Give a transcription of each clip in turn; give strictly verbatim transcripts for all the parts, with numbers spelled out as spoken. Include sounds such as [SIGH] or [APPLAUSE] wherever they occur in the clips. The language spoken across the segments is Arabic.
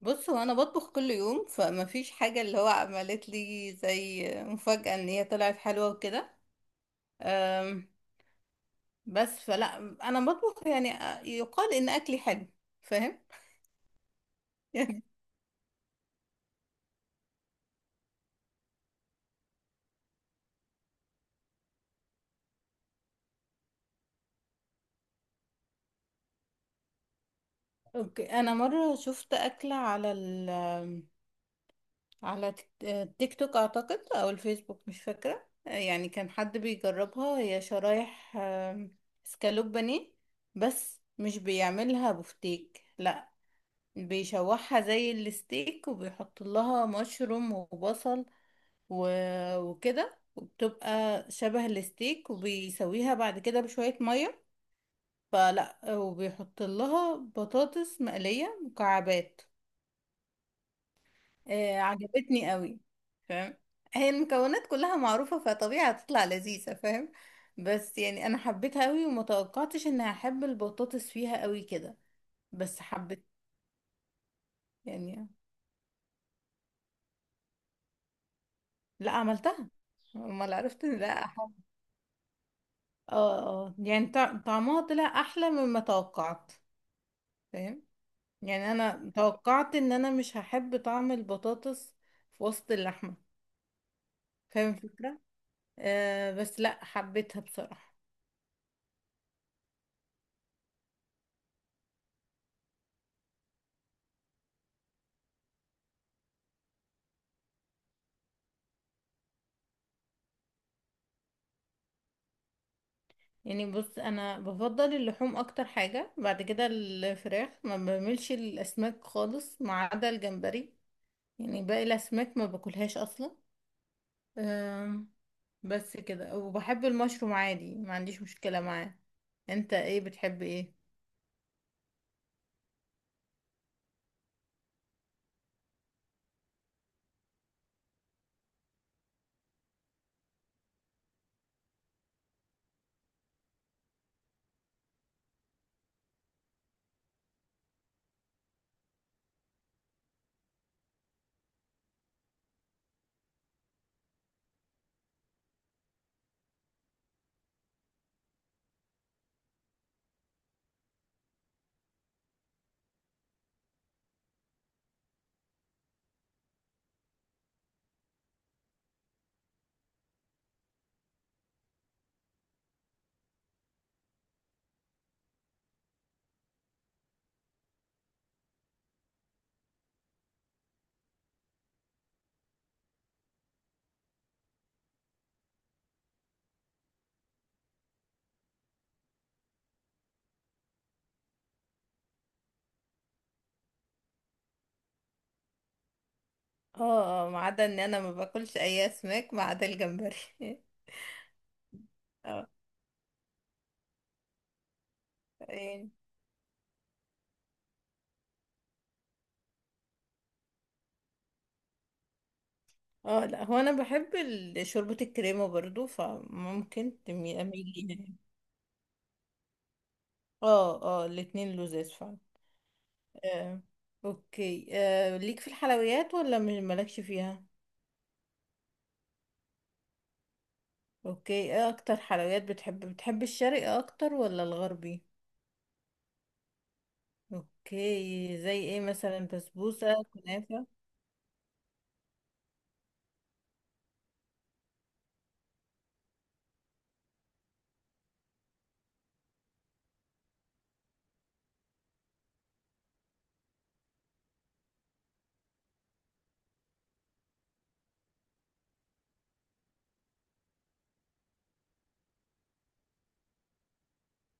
بص، هو انا بطبخ كل يوم فما فيش حاجه اللي هو عملت لي زي مفاجاه ان هي طلعت حلوه وكده. أم، بس فلا. انا بطبخ يعني آه، يقال ان اكلي حلو. فاهم؟ [LAUGHS] يعني اوكي، انا مره شفت اكله على ال آمم، على تيك آه، تيك توك اعتقد او الفيسبوك، مش فاكره. آه، يعني كان حد بيجربها، هي شرايح أم، اسكالوب بانيه. بس مش بيعملها بفتيك، لا، بيشوحها زي الستيك وبيحط لها مشروم وبصل و... وكده. وبتبقى شبه الستيك، وبيسويها بعد كده بشوية مية فلا، وبيحط لها بطاطس مقلية مكعبات. آه عجبتني قوي. فاهم؟ هي المكونات كلها معروفة فطبيعي هتطلع لذيذة. فاهم؟ بس يعني انا حبيتها قوي، وما توقعتش اني هحب البطاطس فيها قوي كده. بس حبيت يعني. لا، عملتها. امال؟ عرفت إن لا. اه اه، يعني طع- طعمها طلع احلى مما توقعت. فاهم؟ يعني انا توقعت ان انا مش هحب طعم البطاطس في وسط اللحمه. فاهم الفكره؟ آه بس لا، حبيتها بصراحه. يعني بص، انا بفضل اللحوم اكتر حاجه، بعد كده الفراخ. ما بعملش الاسماك خالص ما عدا الجمبري. يعني باقي الاسماك ما باكلهاش اصلا. آم، بس كده. وبحب المشروم عادي، ما عنديش مشكله معاه. انت ايه؟ بتحب ايه؟ اه اه، ما عدا ان انا ما باكلش اي اسماك ما عدا الجمبري. [LAUGHS] اه يعني. اه لا، هو انا بحب ال- شوربة الكريمة برضو، فممكن تمي- اميل ليها يعني. اه اه، الاتنين لذيذ فعلا. آه. اوكي آه. ليك في الحلويات ولا م- مالكش فيها؟ اوكي، ايه اكتر حلويات بتحب؟ بتحب الشرقي اكتر ولا الغربي؟ اوكي، زي ايه مثلا؟ بسبوسة، كنافة؟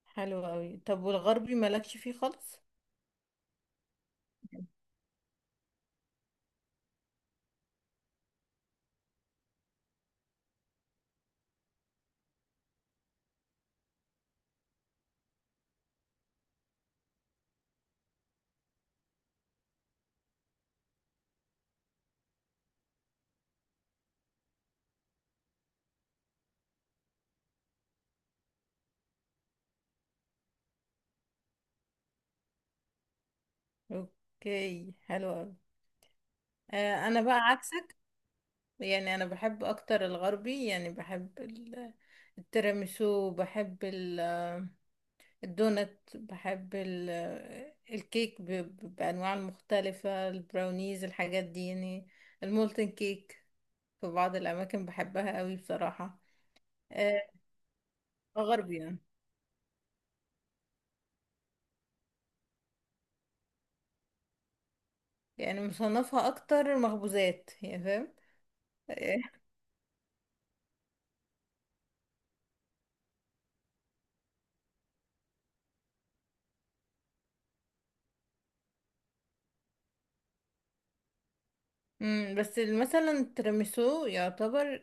حلو قوي. طب والغربي مالكش فيه خالص؟ اوكي حلو أوي. آه، انا بقى عكسك. يعني انا بحب اكتر الغربي، يعني بحب ال- التيراميسو، بحب ال- الدونت، بحب ال- الكيك ب- ب- بانواع المختلفة، البراونيز، الحاجات دي يعني. المولتن كيك في بعض الاماكن بحبها قوي بصراحة. آه، غربي يعني. يعني مصنفها اكتر مخبوزات، يعني فاهم. أمم، بس مثلا التيراميسو يعتبر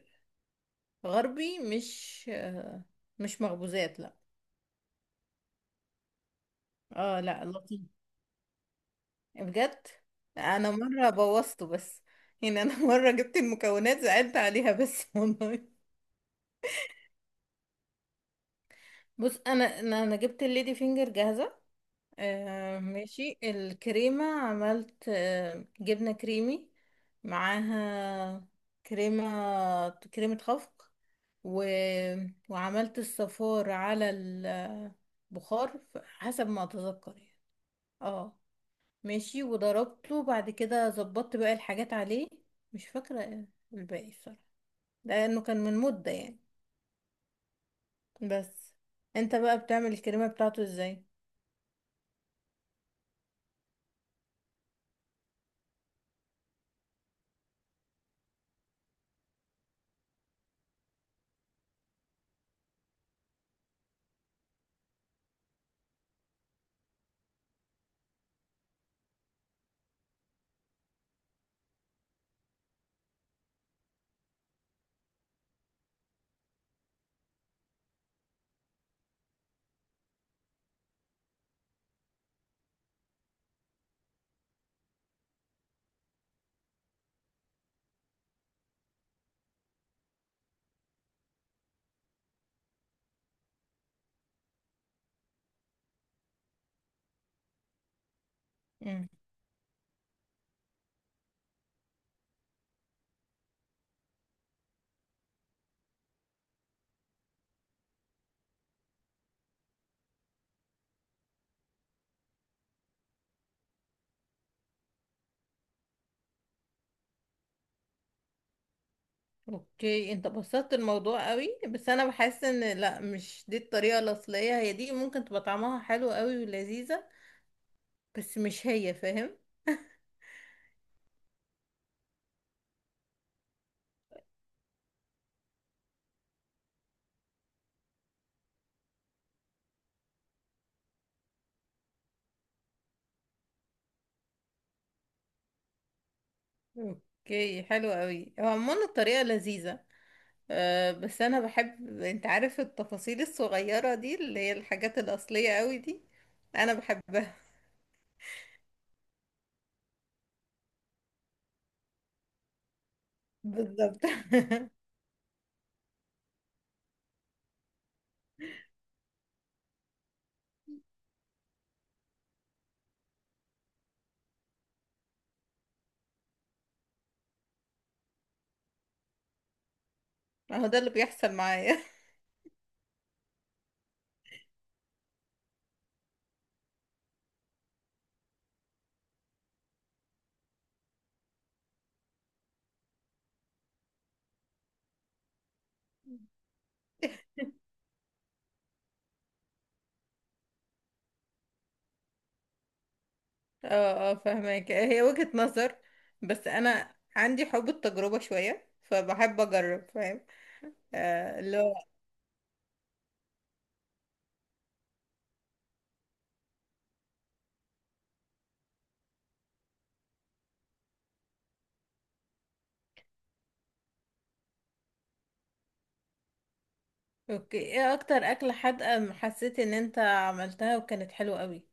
غربي، مش آه، مش مخبوزات، لا. اه لا، لطيف بجد. انا مره بوظته بس. يعني انا [LAUGHS] مره جبت المكونات، زعلت عليها بس [LAUGHS] والله. بص انا انا أنا جبت الليدي فينجر جاهزه. آه ماشي، الكريمه عملت آه جبنه كريمي معاها، كريمه كريمه خفق و... وعملت الصفار على البخار، حسب ما اتذكر يعني. اه ماشي، وضربته بعد كده، ظبطت بقى الحاجات عليه. مش فاكرة الباقي الصراحة، لأنه كان من مدة يعني. بس انت بقى، بتعمل الكريمة بتاعته ازاي؟ مم. اوكي، انت بسطت الموضوع قوي، بس انا بحس ان لا، مش دي الطريقة الأصلية. هي دي ممكن تبقى طعمها حلو قوي ولذيذة، بس مش هي فاهم. اوكي حلو قوي، هو عموما الطريقة لذيذة. أه بس انا بحب، انت عارف، التفاصيل الصغيرة دي اللي هي الحاجات الأصلية قوي دي. انا بحبها. بالظبط. [LAUGHS] هو ده اللي بيحصل معايا. [LAUGHS] اه اه، فاهمك، هي وجهة نظر. بس انا عندي حب التجربة شوية، فبحب اجرب فاهم. آه اللي هو اوكي، ايه اكتر اكلة حادقة حسيت ان انت عملتها وكانت حلوة قوي؟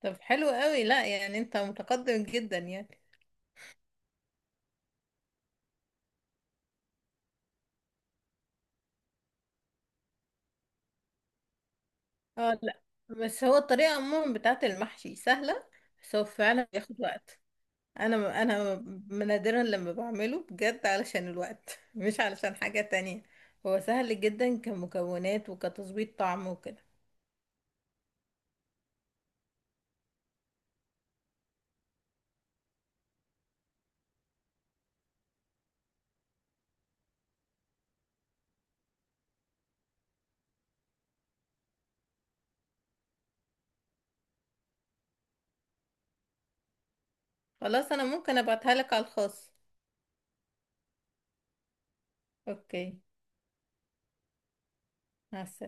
طب حلو قوي، لا يعني انت متقدم جدا يعني. اه لا، بس هو الطريقة عموما بتاعت المحشي سهلة، بس هو فعلا بياخد وقت. انا انا نادرا لما بعمله بجد علشان الوقت [LAUGHS] مش علشان حاجة تانية. هو سهل جدا كمكونات وكتظبيط طعم وكده. خلاص، انا ممكن ابعتها لك على الخاص. اوكي. مع السلامة.